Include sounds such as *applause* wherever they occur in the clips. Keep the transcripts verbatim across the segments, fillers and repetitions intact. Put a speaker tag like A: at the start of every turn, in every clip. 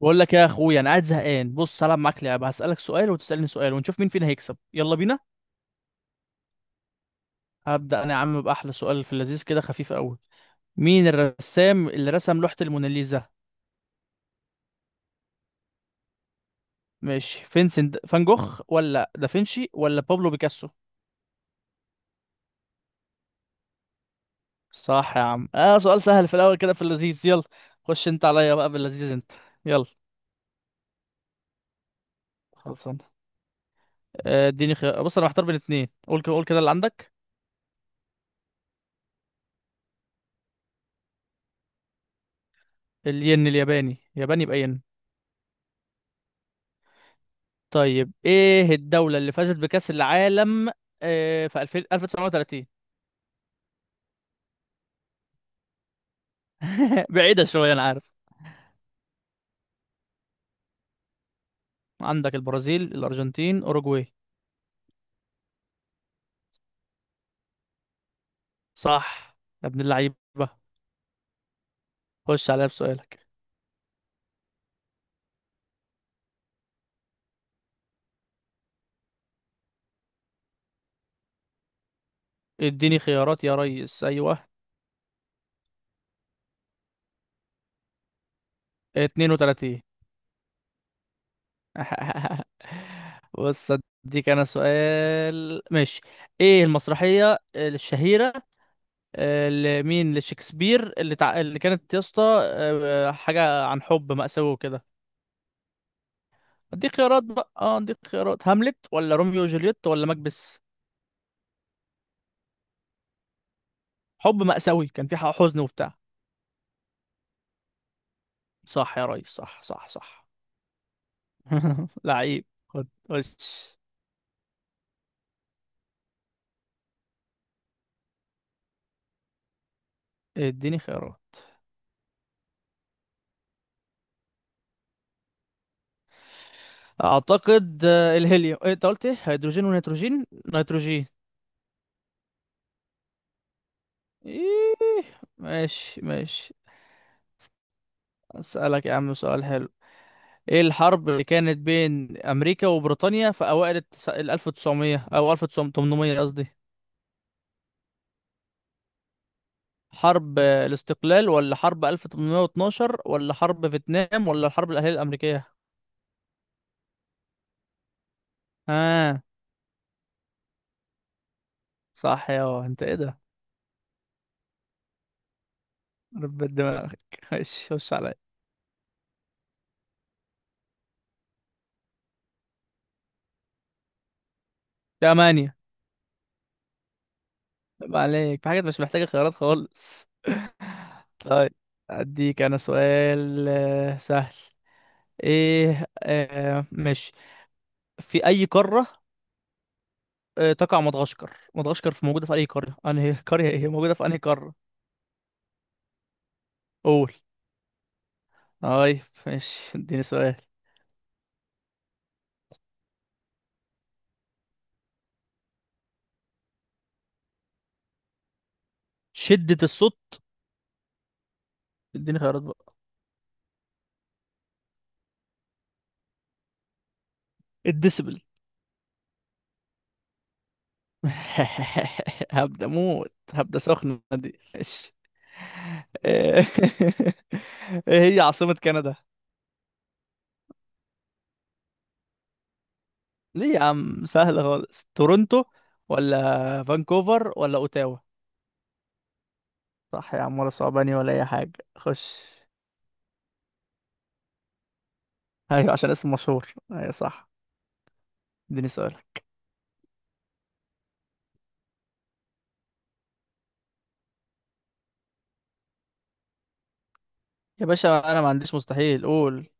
A: بقول لك يا اخويا، انا قاعد زهقان. بص هلعب معاك لعبه. هسالك سؤال وتسالني سؤال ونشوف مين فينا هيكسب. يلا بينا. هبدا انا يا عم باحلى سؤال في اللذيذ كده خفيف قوي. مين الرسام اللي رسم لوحه الموناليزا؟ ماشي، فينسنت فان جوخ ولا دافنشي ولا بابلو بيكاسو؟ صح يا عم. اه سؤال سهل في الاول كده في اللذيذ. يلا. خش انت عليا بقى باللذيذ انت. يلا. خلصان. اديني خيار. بص انا محتار بين اتنين. قول كده قول كده اللي عندك. الين الياباني ياباني يبقى ين. طيب، ايه الدولة اللي فازت بكأس العالم آه، في ألفين ألف وتسعمية وتلاتين؟ *laughs* بعيدة شوية انا عارف. عندك البرازيل، الارجنتين، اوروجواي. صح. يا ابن اللعيبة. خش عليا بسؤالك. اديني خيارات يا ريس، ايوه. اتنين وتلاتين. *laughs* بص. اديك انا سؤال ماشي. ايه المسرحية الشهيرة آه، لمين لشكسبير اللي تع... اللي كانت يا اسطى، آه، حاجة عن حب مأساوي وكده؟ دي خيارات بقى، اه دي خيارات: هاملت ولا روميو وجولييت ولا مكبس؟ حب مأساوي، كان في حزن وبتاع. صح يا ريس، صح صح صح. *laughs* لعيب. خد خش. اديني خيارات. اعتقد آه، الهيليوم. إيه، انت قلت ايه؟ هيدروجين ونيتروجين. نيتروجين. ايه. ماشي ماشي. اسألك يا عم سؤال حلو. ايه الحرب اللي كانت بين امريكا وبريطانيا في اوائل التس... ال ألف وتسعمية او ألف وتمنمية قصدي؟ حرب آه، الاستقلال ولا حرب ألف وتمنمية واتناشر ولا حرب فيتنام ولا الحرب الأهلية الأمريكية؟ ها. صح. يا انت ايه ده. ربت دماغك. *laughs* خش خش عليا. تمانية. عيب عليك، في حاجات مش محتاجة خيارات خالص. *laughs* طيب. أديك أنا سؤال آه، سهل. إيه آه ماشي. في أي قارة آه تقع مدغشقر؟ مدغشقر في موجودة في أي قارة أنهي *laughs* قرية إيه موجودة في أنهي قارة؟ قول. طيب. ماشي، اديني سؤال. شدة الصوت. اديني خيارات بقى. الديسبل. *laughs* هبدأ موت. هبدأ سخنة دي إيش. *laughs* ايه. هي عاصمة كندا؟ ليه يا عم، سهلة خالص. تورونتو ولا فانكوفر ولا اوتاوا؟ صح يا عم، ولا صعباني ولا اي حاجة. خش. ايوه عشان اسم مشهور، ايوه صح. اديني سؤالك. يا باشا انا ما عنديش مستحيل، قول.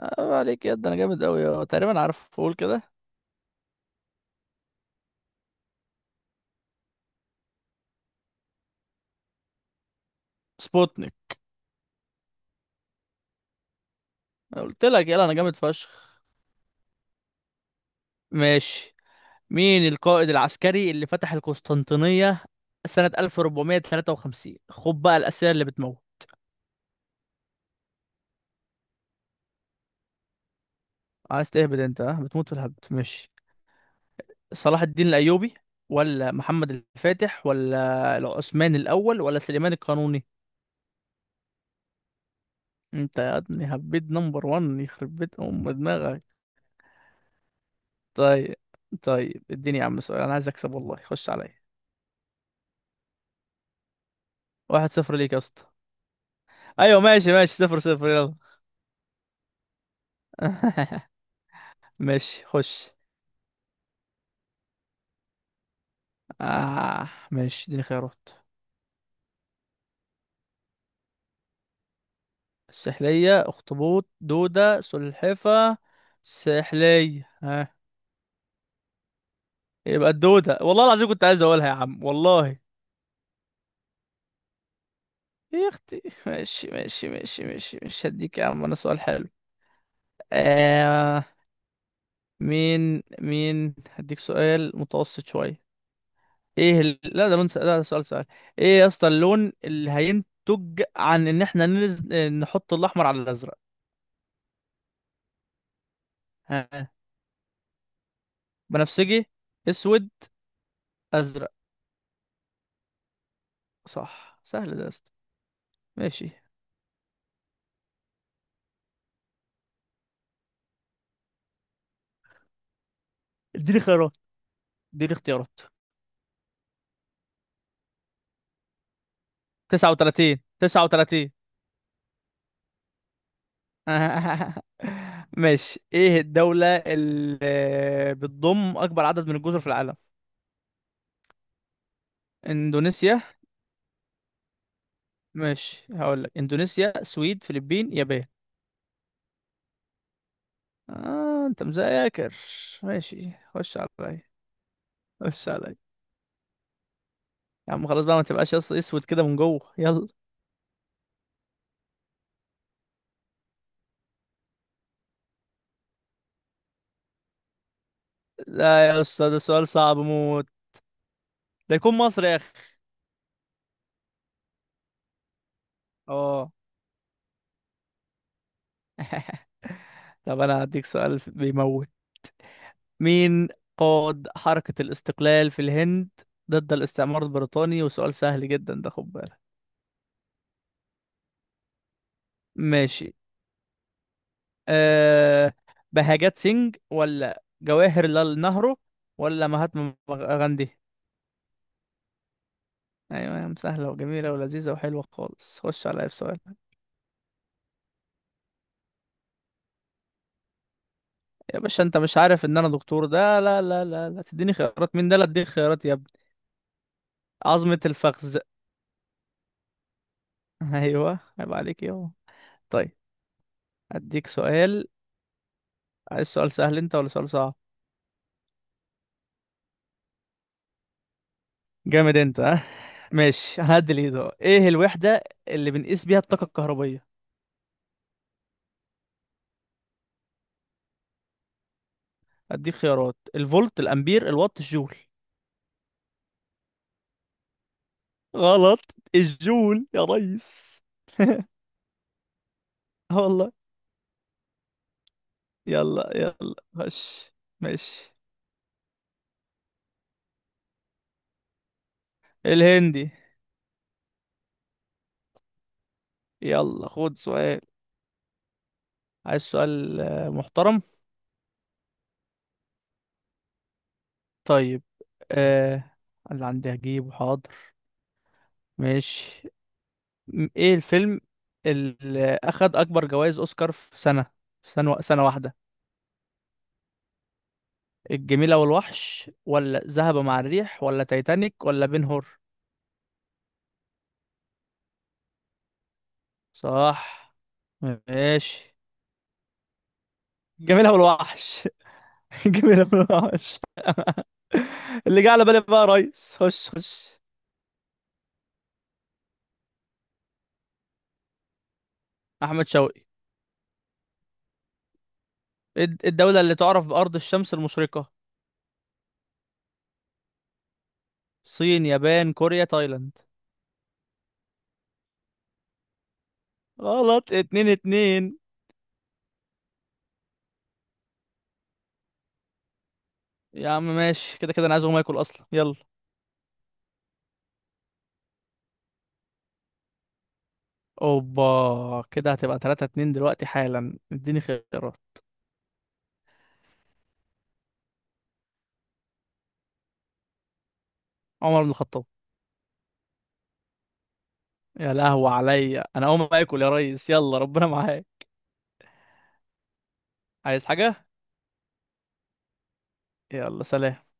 A: آه عليك يا ده، انا جامد قوي تقريبا عارف. قول كده. سبوتنيك. قلت لك يلا، انا جامد فشخ. ماشي. مين القائد العسكري اللي فتح القسطنطينية سنة ألف وأربعمية وتلاتة وخمسين؟ خد بقى الأسئلة اللي بتموت. عايز تهبد انت، ها بتموت في الهبد. ماشي. صلاح الدين الأيوبي ولا محمد الفاتح ولا العثمان الأول ولا سليمان القانوني؟ انت يا ابني هبيت نمبر واحد. يخرب بيت أم دماغك. طيب طيب، اديني يا عم سؤال، انا عايز اكسب والله. خش عليا. واحد صفر ليك يا اسطى. ايوه ماشي ماشي صفر صفر يلا. *laughs* ماشي خش. آه ماشي، اديني خيارات. السحلية، اخطبوط، دودة، سلحفة. سحلية. ها. يبقى الدودة، والله العظيم كنت عايز اقولها يا عم والله. يا اختي ماشي ماشي ماشي ماشي، مش هديك يا عم انا سؤال حلو. آه. مين مين هديك سؤال متوسط شوية. ايه ال... لا ده لون س... لا ده سؤال سؤال. ايه يا اسطى، اللون اللي هينتج عن ان احنا ننز... نحط الاحمر على الازرق؟ ها. بنفسجي، اسود، ازرق. صح، سهل ده يا اسطى. ماشي. اديني خيارات. دي الاختيارات. تسعة وتلاتين تسعة وتلاتين. *laughs* ماشي. ايه الدولة اللي بتضم اكبر عدد من الجزر في العالم؟ اندونيسيا. ماشي هقول لك: اندونيسيا، سويد، فلبين، يابان. آه انت مذاكر. ماشي خش عليا. خش عليا. يا عم خلاص بقى، ما تبقاش أص- اسود كده من جوه. يلا. لا يا استاذ، ده سؤال صعب موت. ده يكون مصر يا اخي. اه. *laughs* طب انا هديك سؤال بيموت. مين قاد حركة الاستقلال في الهند ضد الاستعمار البريطاني؟ وسؤال سهل جدا ده، خد بالك. ماشي. أه. بهاجات سينج ولا جواهر لال نهرو ولا مهاتما غاندي؟ ايوه يا عم، سهلة وجميلة ولذيذة وحلوة خالص. خش عليا في سؤال. يا باشا انت مش عارف ان انا دكتور ده؟ لا لا لا لا، تديني خيارات؟ مين ده؟ لا، اديك خيارات يا ابني. عظمة الفخذ. *laughs* ايوه، عيب عليك يا. طيب. اديك سؤال. عايز سؤال سهل انت ولا سؤال صعب؟ جامد انت ها. ماشي هعدل ايده. ايه الوحدة اللي بنقيس بيها الطاقة الكهربية؟ اديك خيارات: الفولت، الامبير، الوات، الجول. غلط. الجول يا ريس. *laughs* اه والله. يلا يلا خش. ماشي. الهندي. يلا خد سؤال. عايز سؤال آه، محترم. طيب، آه اللي عندي هجيبه حاضر. ماشي. م- ايه الفيلم اللي اخد اكبر جوائز اوسكار في سنة في سنة سنة واحدة؟ الجميلة والوحش ولا ذهب مع الريح ولا تايتانيك ولا بن هور؟ صح. ماشي. الجميلة والوحش. *laughs* الجميلة والوحش. *laughs* اللي جه على بالي بقى يا ريس. خش خش. أحمد شوقي. الد- الدولة اللي تعرف بأرض الشمس المشرقة؟ الصين، يابان، كوريا، تايلاند. غلط. اتنين اتنين. يا عم ماشي كده كده، أنا عايز أقوم آكل أصلا، يلا. أوبا، كده هتبقى تلاتة اتنين دلوقتي حالا. اديني خيارات. عمر بن الخطاب. يا لهوي عليا، انا اقوم اكل يا ريس، يلا ربنا معاك. عايز حاجة. يلا، سلام.